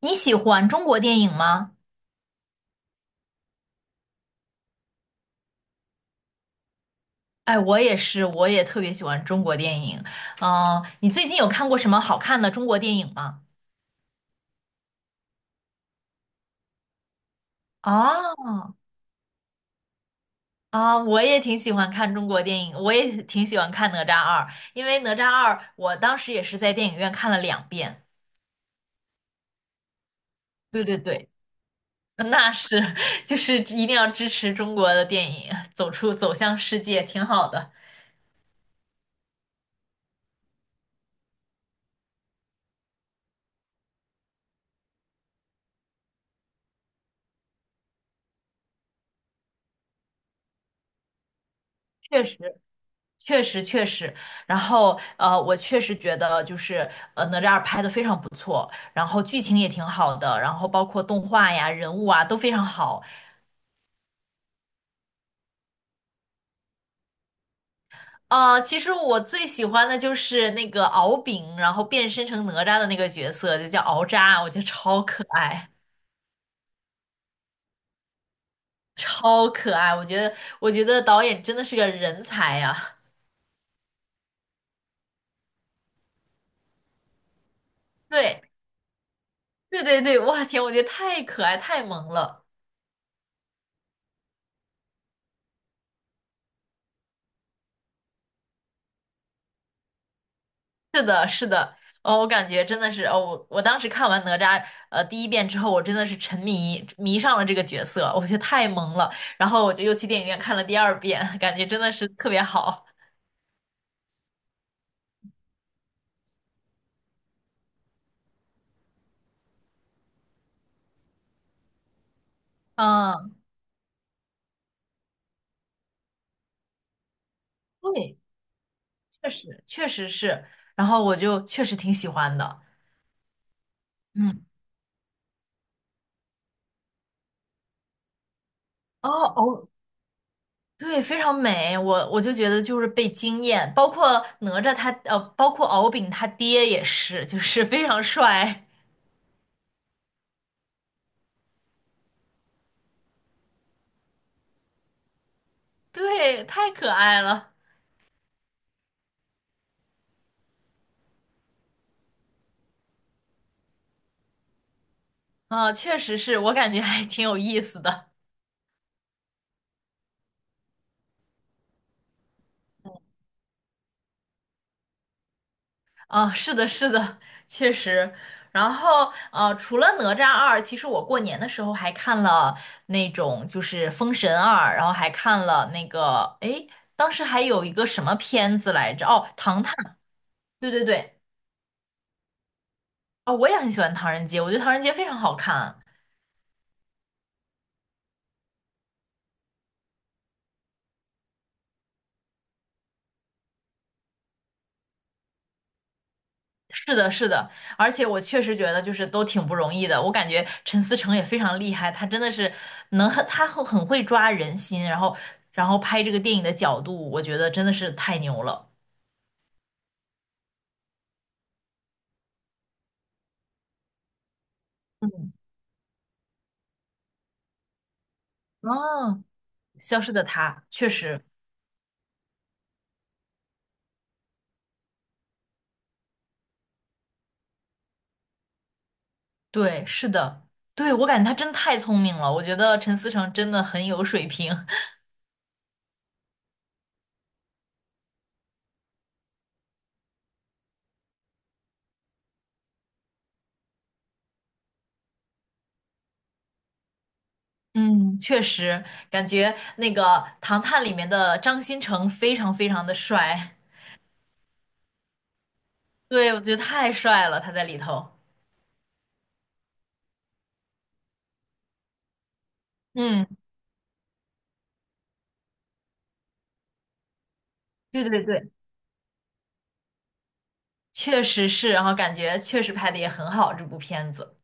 你喜欢中国电影吗？哎，我也是，我也特别喜欢中国电影。嗯、你最近有看过什么好看的中国电影吗？啊啊，我也挺喜欢看中国电影，我也挺喜欢看《哪吒二》，因为《哪吒二》我当时也是在电影院看了两遍。对对对，那是，就是一定要支持中国的电影，走向世界，挺好的。确实。确实确实，然后我确实觉得就是哪吒二拍的非常不错，然后剧情也挺好的，然后包括动画呀、人物啊都非常好。啊。其实我最喜欢的就是那个敖丙，然后变身成哪吒的那个角色，就叫敖吒，我觉得超可爱，超可爱。我觉得，我觉得导演真的是个人才呀。对，对对对，哇天，我觉得太可爱，太萌了。是的，是的，哦，我感觉真的是，哦，我当时看完哪吒第一遍之后，我真的是迷上了这个角色，我觉得太萌了，然后我就又去电影院看了第二遍，感觉真的是特别好。嗯，对，确实确实是，然后我就确实挺喜欢的。嗯，哦哦，对，非常美，我就觉得就是被惊艳，包括哪吒他，包括敖丙他爹也是，就是非常帅，对，太可爱了。啊，确实是我感觉还挺有意思的啊，是的，是的，确实。然后除了哪吒二，其实我过年的时候还看了那种就是《封神二》，然后还看了那个，诶，当时还有一个什么片子来着？哦，《唐探》。对对对，啊，我也很喜欢《唐人街》，我觉得《唐人街》非常好看。是的，是的，而且我确实觉得就是都挺不容易的。我感觉陈思诚也非常厉害，他真的是能，他会很会抓人心，然后拍这个电影的角度，我觉得真的是太牛了。嗯，哦，消失的他确实，对，是的，对，我感觉他真太聪明了。我觉得陈思诚真的很有水平。嗯，确实，感觉那个《唐探》里面的张新成非常非常的帅，对，我觉得太帅了，他在里头。嗯。对对对，确实是，然后感觉确实拍的也很好，这部片子。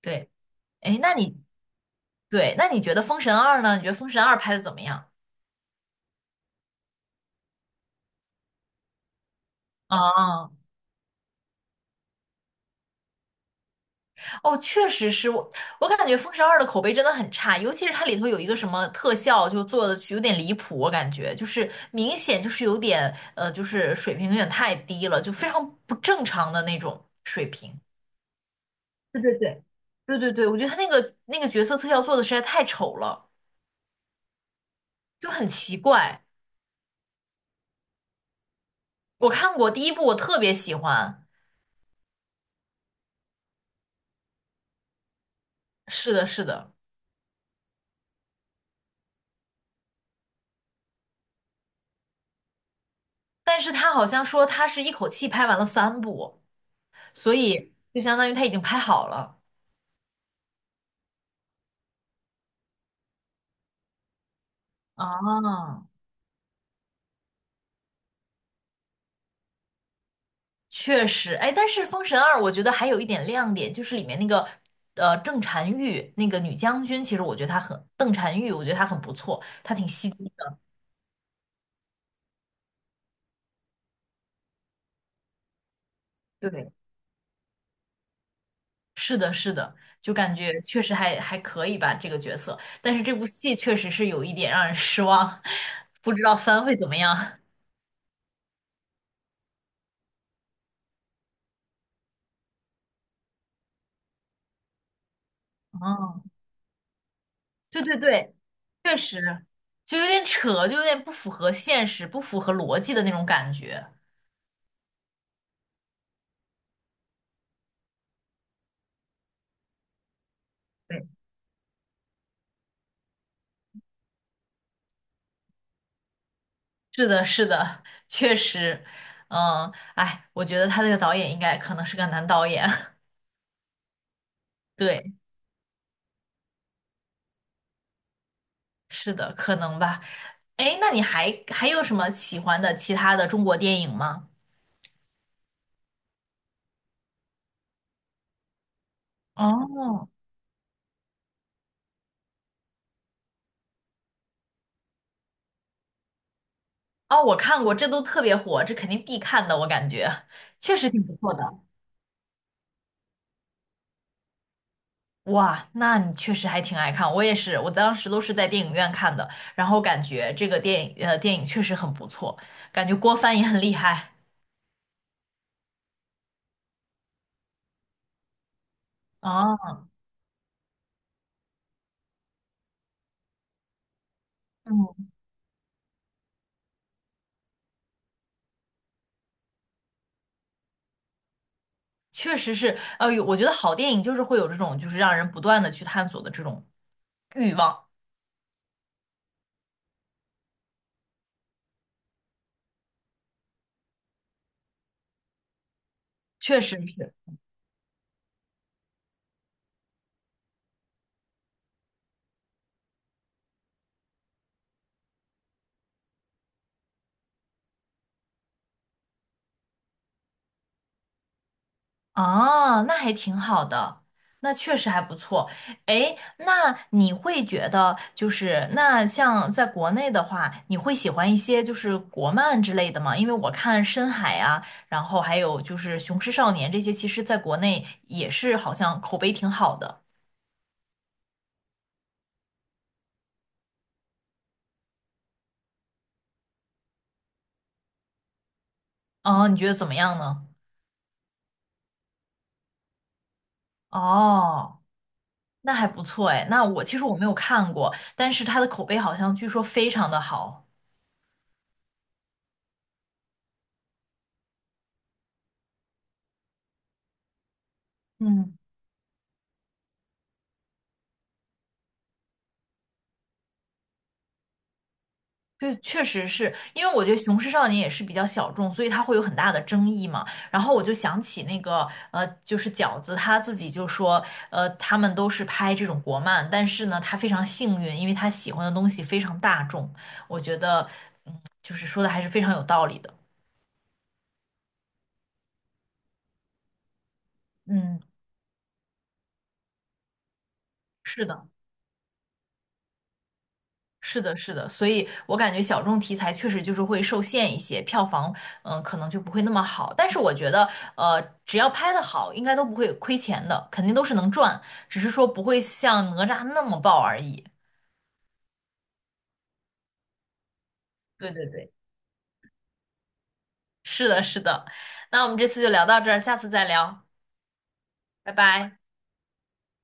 对，哎，对，那你觉得《封神二》呢？你觉得《封神二》拍的怎么样？啊，哦，确实是我，我感觉《封神二》的口碑真的很差，尤其是它里头有一个什么特效，就做的有点离谱，我感觉就是明显就是有点就是水平有点太低了，就非常不正常的那种水平。对对对，对对对，我觉得他那个角色特效做的实在太丑了，就很奇怪。我看过第一部，我特别喜欢。是的，是的，但是他好像说他是一口气拍完了三部，所以就相当于他已经拍好了。啊，确实，哎，但是《封神二》我觉得还有一点亮点，就是里面那个郑婵玉那个女将军，其实我觉得邓婵玉，我觉得她很不错，她挺吸睛的。对，是的，是的，就感觉确实还可以吧这个角色，但是这部戏确实是有一点让人失望，不知道三会怎么样。嗯。对对对，确实，就有点扯，就有点不符合现实、不符合逻辑的那种感觉。对，是的，是的，确实，嗯，哎，我觉得他这个导演应该可能是个男导演。对，是的，可能吧。哎，那你还有什么喜欢的其他的中国电影吗？哦，哦，我看过，这都特别火，这肯定必看的，我感觉确实挺不错的。哇，那你确实还挺爱看，我也是，我当时都是在电影院看的，然后感觉这个电影确实很不错，感觉郭帆也很厉害啊，嗯，确实是，有我觉得好电影就是会有这种就是让人不断的去探索的这种欲望，确实是，哦，那还挺好的，那确实还不错。诶，那你会觉得就是那像在国内的话，你会喜欢一些就是国漫之类的吗？因为我看《深海》啊，然后还有就是《雄狮少年》这些，其实在国内也是好像口碑挺好的。哦，你觉得怎么样呢？哦，那还不错诶，那我其实没有看过，但是它的口碑好像据说非常的好。嗯。对，确实是因为我觉得《雄狮少年》也是比较小众，所以它会有很大的争议嘛。然后我就想起那个就是饺子他自己就说，他们都是拍这种国漫，但是呢，他非常幸运，因为他喜欢的东西非常大众。我觉得，嗯，就是说的还是非常有道理的。嗯，是的。是的，是的，所以我感觉小众题材确实就是会受限一些，票房嗯、可能就不会那么好。但是我觉得，只要拍得好，应该都不会亏钱的，肯定都是能赚，只是说不会像哪吒那么爆而已。对对对，是的，是的。那我们这次就聊到这儿，下次再聊，拜拜。